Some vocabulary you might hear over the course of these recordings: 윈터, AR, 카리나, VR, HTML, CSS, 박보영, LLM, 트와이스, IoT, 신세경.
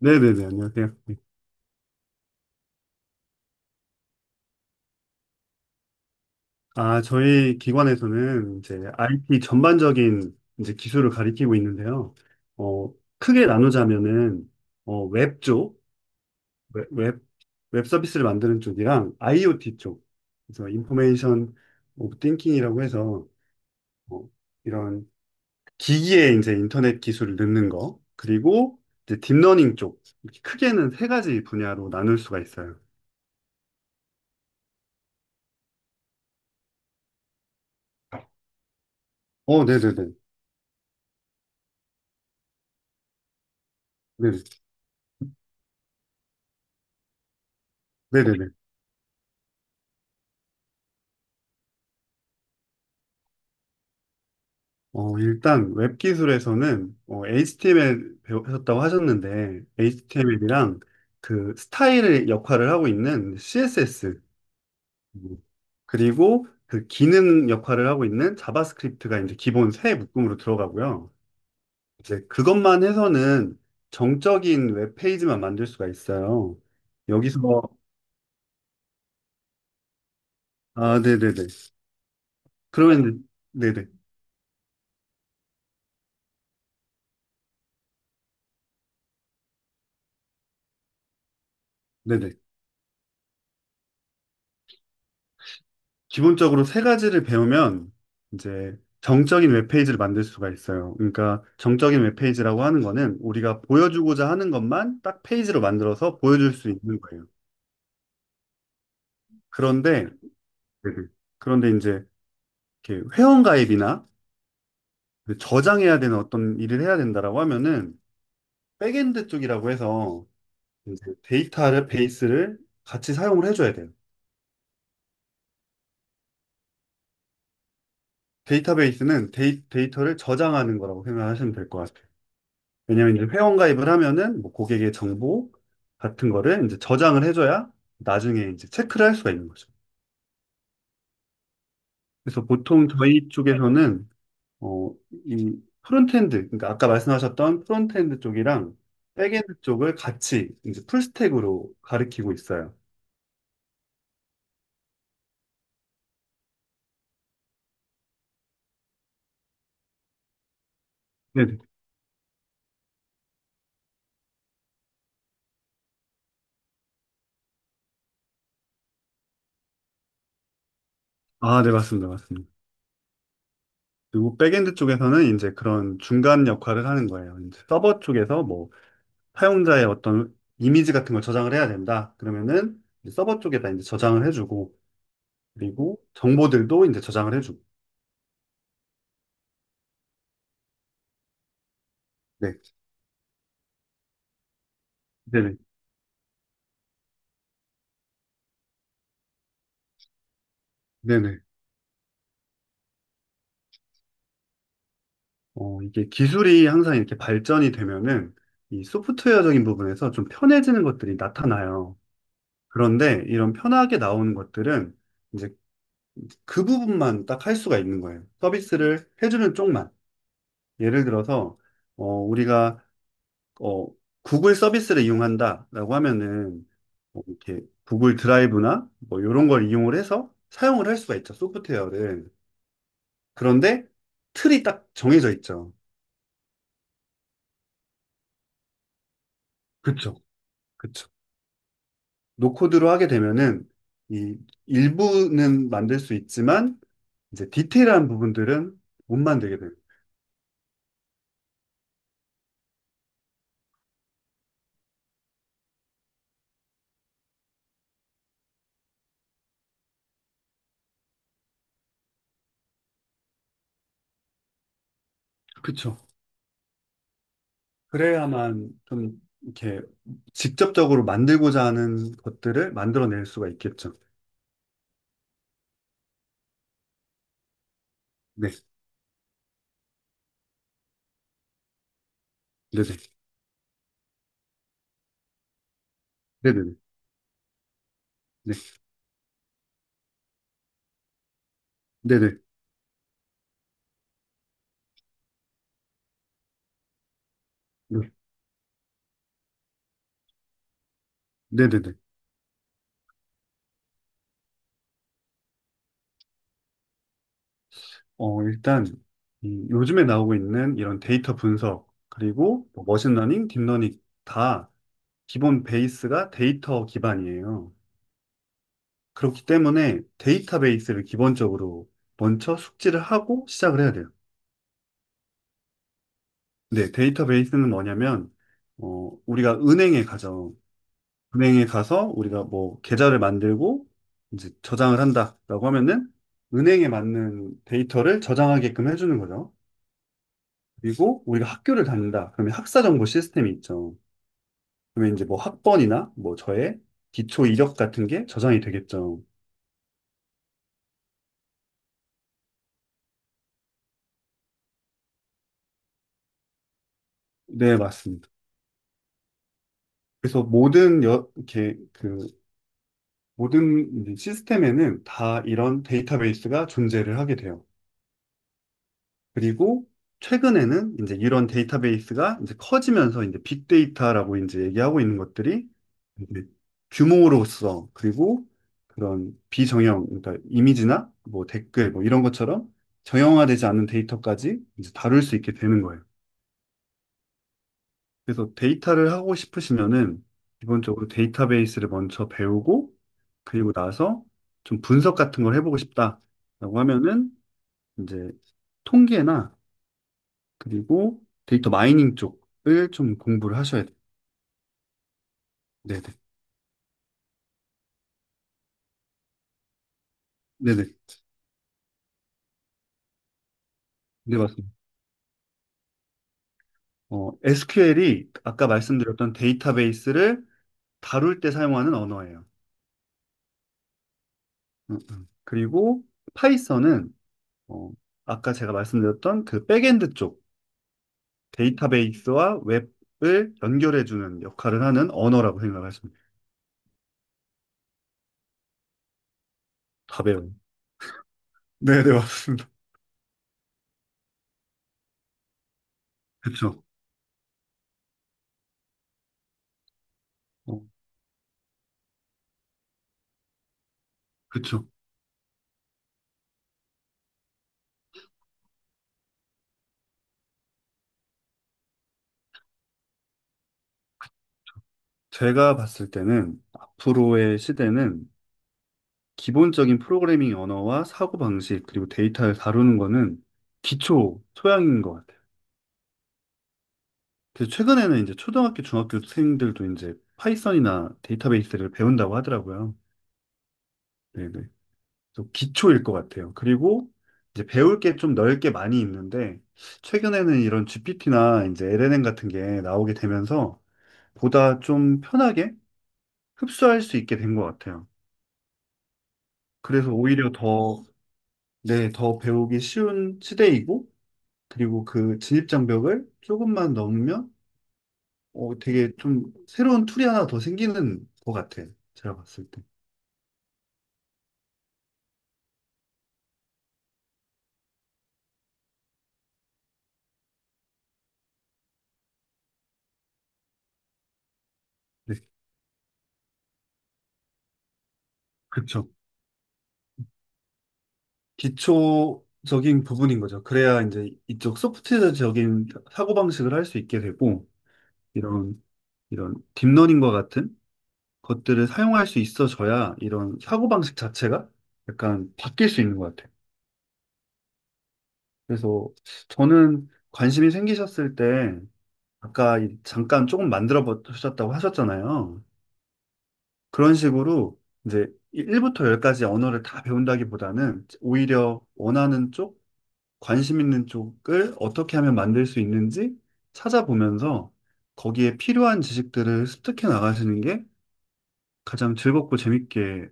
네네네, 안녕하세요. 네. 저희 기관에서는 이제 IT 전반적인 이제 기술을 가리키고 있는데요. 어, 크게 나누자면은, 웹 쪽, 웹, 웹, 웹 서비스를 만드는 쪽이랑 IoT 쪽. 그래서 인포메이션 오브 띵킹이라고 해서, 어, 이런 기기에 이제 인터넷 기술을 넣는 거, 그리고 이제 딥러닝 쪽. 이렇게 크게는 세 가지 분야로 나눌 수가 있어요. 어, 네네네. 네네. 네네네. 일단 웹 기술에서는 HTML 배우셨다고 하셨는데 HTML이랑 그 스타일의 역할을 하고 있는 CSS, 그리고 그 기능 역할을 하고 있는 자바스크립트가 이제 기본 세 묶음으로 들어가고요. 이제 그것만 해서는 정적인 웹 페이지만 만들 수가 있어요. 여기서 아, 네네네. 그러면 이제- 네네 네네. 기본적으로 세 가지를 배우면 이제 정적인 웹페이지를 만들 수가 있어요. 그러니까 정적인 웹페이지라고 하는 거는 우리가 보여주고자 하는 것만 딱 페이지로 만들어서 보여줄 수 있는 거예요. 그런데, 네네. 그런데 이제 이렇게 회원가입이나 저장해야 되는 어떤 일을 해야 된다라고 하면은 백엔드 쪽이라고 해서 이제 베이스를 같이 사용을 해줘야 돼요. 데이터베이스는 데이터를 저장하는 거라고 생각하시면 될 것 같아요. 왜냐면 이제 회원 가입을 하면은 뭐 고객의 정보 같은 거를 이제 저장을 해줘야 나중에 이제 체크를 할 수가 있는 거죠. 그래서 보통 저희 쪽에서는 어, 이 프론트엔드, 그러니까 아까 말씀하셨던 프론트엔드 쪽이랑 백엔드 쪽을 같이 이제 풀스택으로 가리키고 있어요. 네. 아, 네, 맞습니다. 맞습니다. 그리고 백엔드 쪽에서는 이제 그런 중간 역할을 하는 거예요. 이제 서버 쪽에서 뭐 사용자의 어떤 이미지 같은 걸 저장을 해야 된다. 그러면은 이제 서버 쪽에다 이제 저장을 해주고 그리고 정보들도 이제 저장을 해주고. 네. 네네. 네네. 이게 기술이 항상 이렇게 발전이 되면은 이 소프트웨어적인 부분에서 좀 편해지는 것들이 나타나요. 그런데 이런 편하게 나오는 것들은 이제 그 부분만 딱 할 수가 있는 거예요. 서비스를 해주는 쪽만. 예를 들어서, 우리가, 어, 구글 서비스를 이용한다라고 하면은 뭐 이렇게 구글 드라이브나 뭐 이런 걸 이용을 해서 사용을 할 수가 있죠. 소프트웨어를. 그런데 틀이 딱 정해져 있죠. 그쵸. 그쵸. 노코드로 하게 되면은 이 일부는 만들 수 있지만 이제 디테일한 부분들은 못 만들게 돼요. 그쵸. 그래야만 좀 이렇게 직접적으로 만들고자 하는 것들을 만들어낼 수가 있겠죠. 네, 네네, 네네네, 네, 네네, 네, 네네네. 일단 이 요즘에 나오고 있는 이런 데이터 분석 그리고 뭐 머신러닝, 딥러닝 다 기본 베이스가 데이터 기반이에요. 그렇기 때문에 데이터베이스를 기본적으로 먼저 숙지를 하고 시작을 해야 돼요. 네, 데이터베이스는 뭐냐면, 우리가 은행에 가죠. 은행에 가서 우리가 뭐 계좌를 만들고 이제 저장을 한다라고 하면은 은행에 맞는 데이터를 저장하게끔 해주는 거죠. 그리고 우리가 학교를 다닌다. 그러면 학사 정보 시스템이 있죠. 그러면 이제 뭐 학번이나 뭐 저의 기초 이력 같은 게 저장이 되겠죠. 네, 맞습니다. 그래서 이렇게 그 모든 이제 시스템에는 다 이런 데이터베이스가 존재를 하게 돼요. 그리고 최근에는 이제 이런 데이터베이스가 이제 커지면서 이제 빅데이터라고 이제 얘기하고 있는 것들이 이제 규모로서 그리고 그런 비정형, 그러니까 이미지나 뭐 댓글 뭐 이런 것처럼 정형화되지 않는 데이터까지 이제 다룰 수 있게 되는 거예요. 그래서 데이터를 하고 싶으시면은 기본적으로 데이터베이스를 먼저 배우고 그리고 나서 좀 분석 같은 걸 해보고 싶다라고 하면은 이제 통계나 그리고 데이터 마이닝 쪽을 좀 공부를 하셔야 돼요. 네네. 네네. 네, 맞습니다. SQL이 아까 말씀드렸던 데이터베이스를 다룰 때 사용하는 언어예요. 그리고 파이썬은 어, 아까 제가 말씀드렸던 그 백엔드 쪽 데이터베이스와 웹을 연결해주는 역할을 하는 언어라고 생각하시면 돼요. 다 배워요. 네, 네, 맞습니다. 그쵸. 어, 그쵸. 제가 봤을 때는 앞으로의 시대는 기본적인 프로그래밍 언어와 사고방식, 그리고 데이터를 다루는 거는 기초 소양인 것 같아요. 그래서 최근에는 이제 초등학교, 중학교 학생들도 이제 파이썬이나 데이터베이스를 배운다고 하더라고요. 네네. 또 기초일 것 같아요. 그리고 이제 배울 게 좀 넓게 많이 있는데, 최근에는 이런 GPT나 이제 LLM 같은 게 나오게 되면서 보다 좀 편하게 흡수할 수 있게 된 것 같아요. 그래서 오히려 더, 네, 더 배우기 쉬운 시대이고, 그리고 그 진입장벽을 조금만 넘으면 되게 좀 새로운 툴이 하나 더 생기는 것 같아요. 제가 봤을 때. 네, 그쵸. 기초적인 부분인 거죠. 그래야 이제 이쪽 소프트적인 사고방식을 할 수 있게 되고, 이런, 이런 딥러닝과 같은 것들을 사용할 수 있어져야 이런 사고방식 자체가 약간 바뀔 수 있는 것 같아요. 그래서 저는 관심이 생기셨을 때, 아까 이- 잠깐 조금 만들어 보셨다고 하셨잖아요. 그런 식으로 이제 1부터 10까지 언어를 다 배운다기보다는 오히려 원하는 쪽, 관심 있는 쪽을 어떻게 하면 만들 수 있는지 찾아보면서 거기에 필요한 지식들을 습득해 나가시는 게 가장 즐겁고 재밌게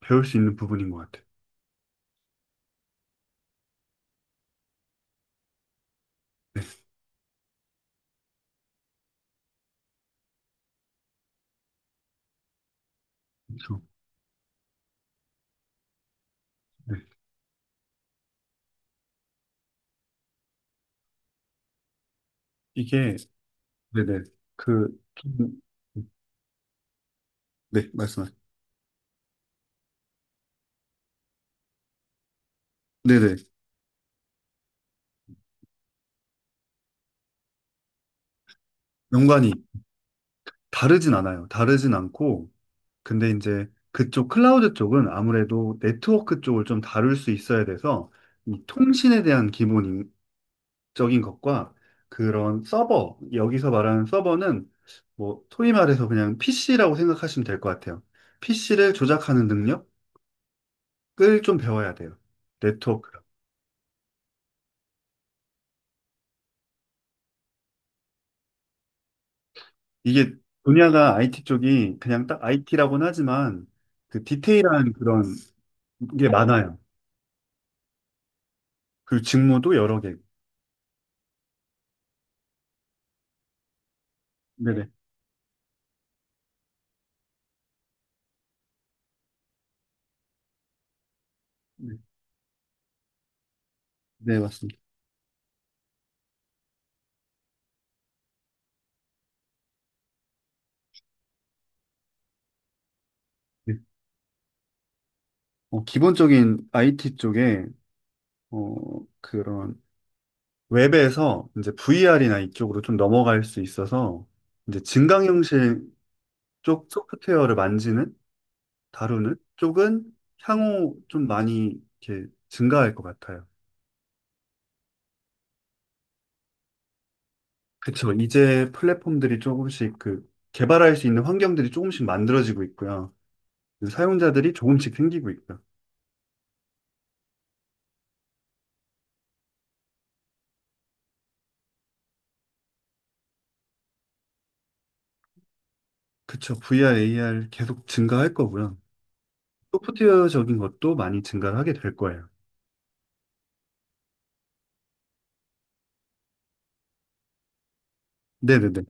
배울 수 있는 부분인 것 같아요. 그렇죠. 네. 이게, 네네. 그, 좀- 네, 말씀하세요. 네네. 연관이 다르진 않아요. 다르진 않고, 근데 이제 그쪽 클라우드 쪽은 아무래도 네트워크 쪽을 좀 다룰 수 있어야 돼서 이 통신에 대한 기본 적인 것과 그런 서버, 여기서 말하는 서버는 뭐 소위 말해서 그냥 PC라고 생각하시면 될 것 같아요. PC를 조작하는 능력을 좀 배워야 돼요. 네트워크. 이게 분야가 IT 쪽이 그냥 딱 IT라고는 하지만 그 디테일한 그런 게 많아요. 그리고 직무도 여러 개. 네네. 네, 네, 맞습니다. 네. 기본적인 IT 쪽에 어, 그런 웹에서 이제 VR이나 이쪽으로 좀 넘어갈 수 있어서 이제 증강현실 쪽 소프트웨어를 만지는, 다루는 쪽은 향후 좀 많이 이렇게 증가할 것 같아요. 그쵸. 이제 플랫폼들이 조금씩 그 개발할 수 있는 환경들이 조금씩 만들어지고 있고요. 사용자들이 조금씩 생기고 있고요. 그쵸. VR, AR 계속 증가할 거고요. 소프트웨어적인 것도 많이 증가 하게 될 거예요. 네네네.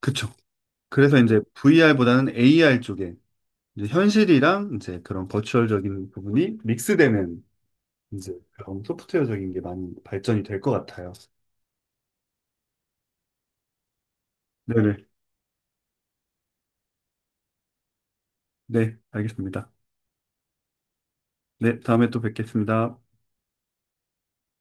그쵸. 그래서 이제 VR보다는 AR 쪽에 이제 현실이랑 이제 그런 버추얼적인 부분이 믹스되는 이제 그런 소프트웨어적인 게 많이 발전이 될 것 같아요. 네네. 네, 알겠습니다. 네, 다음에 또 뵙겠습니다.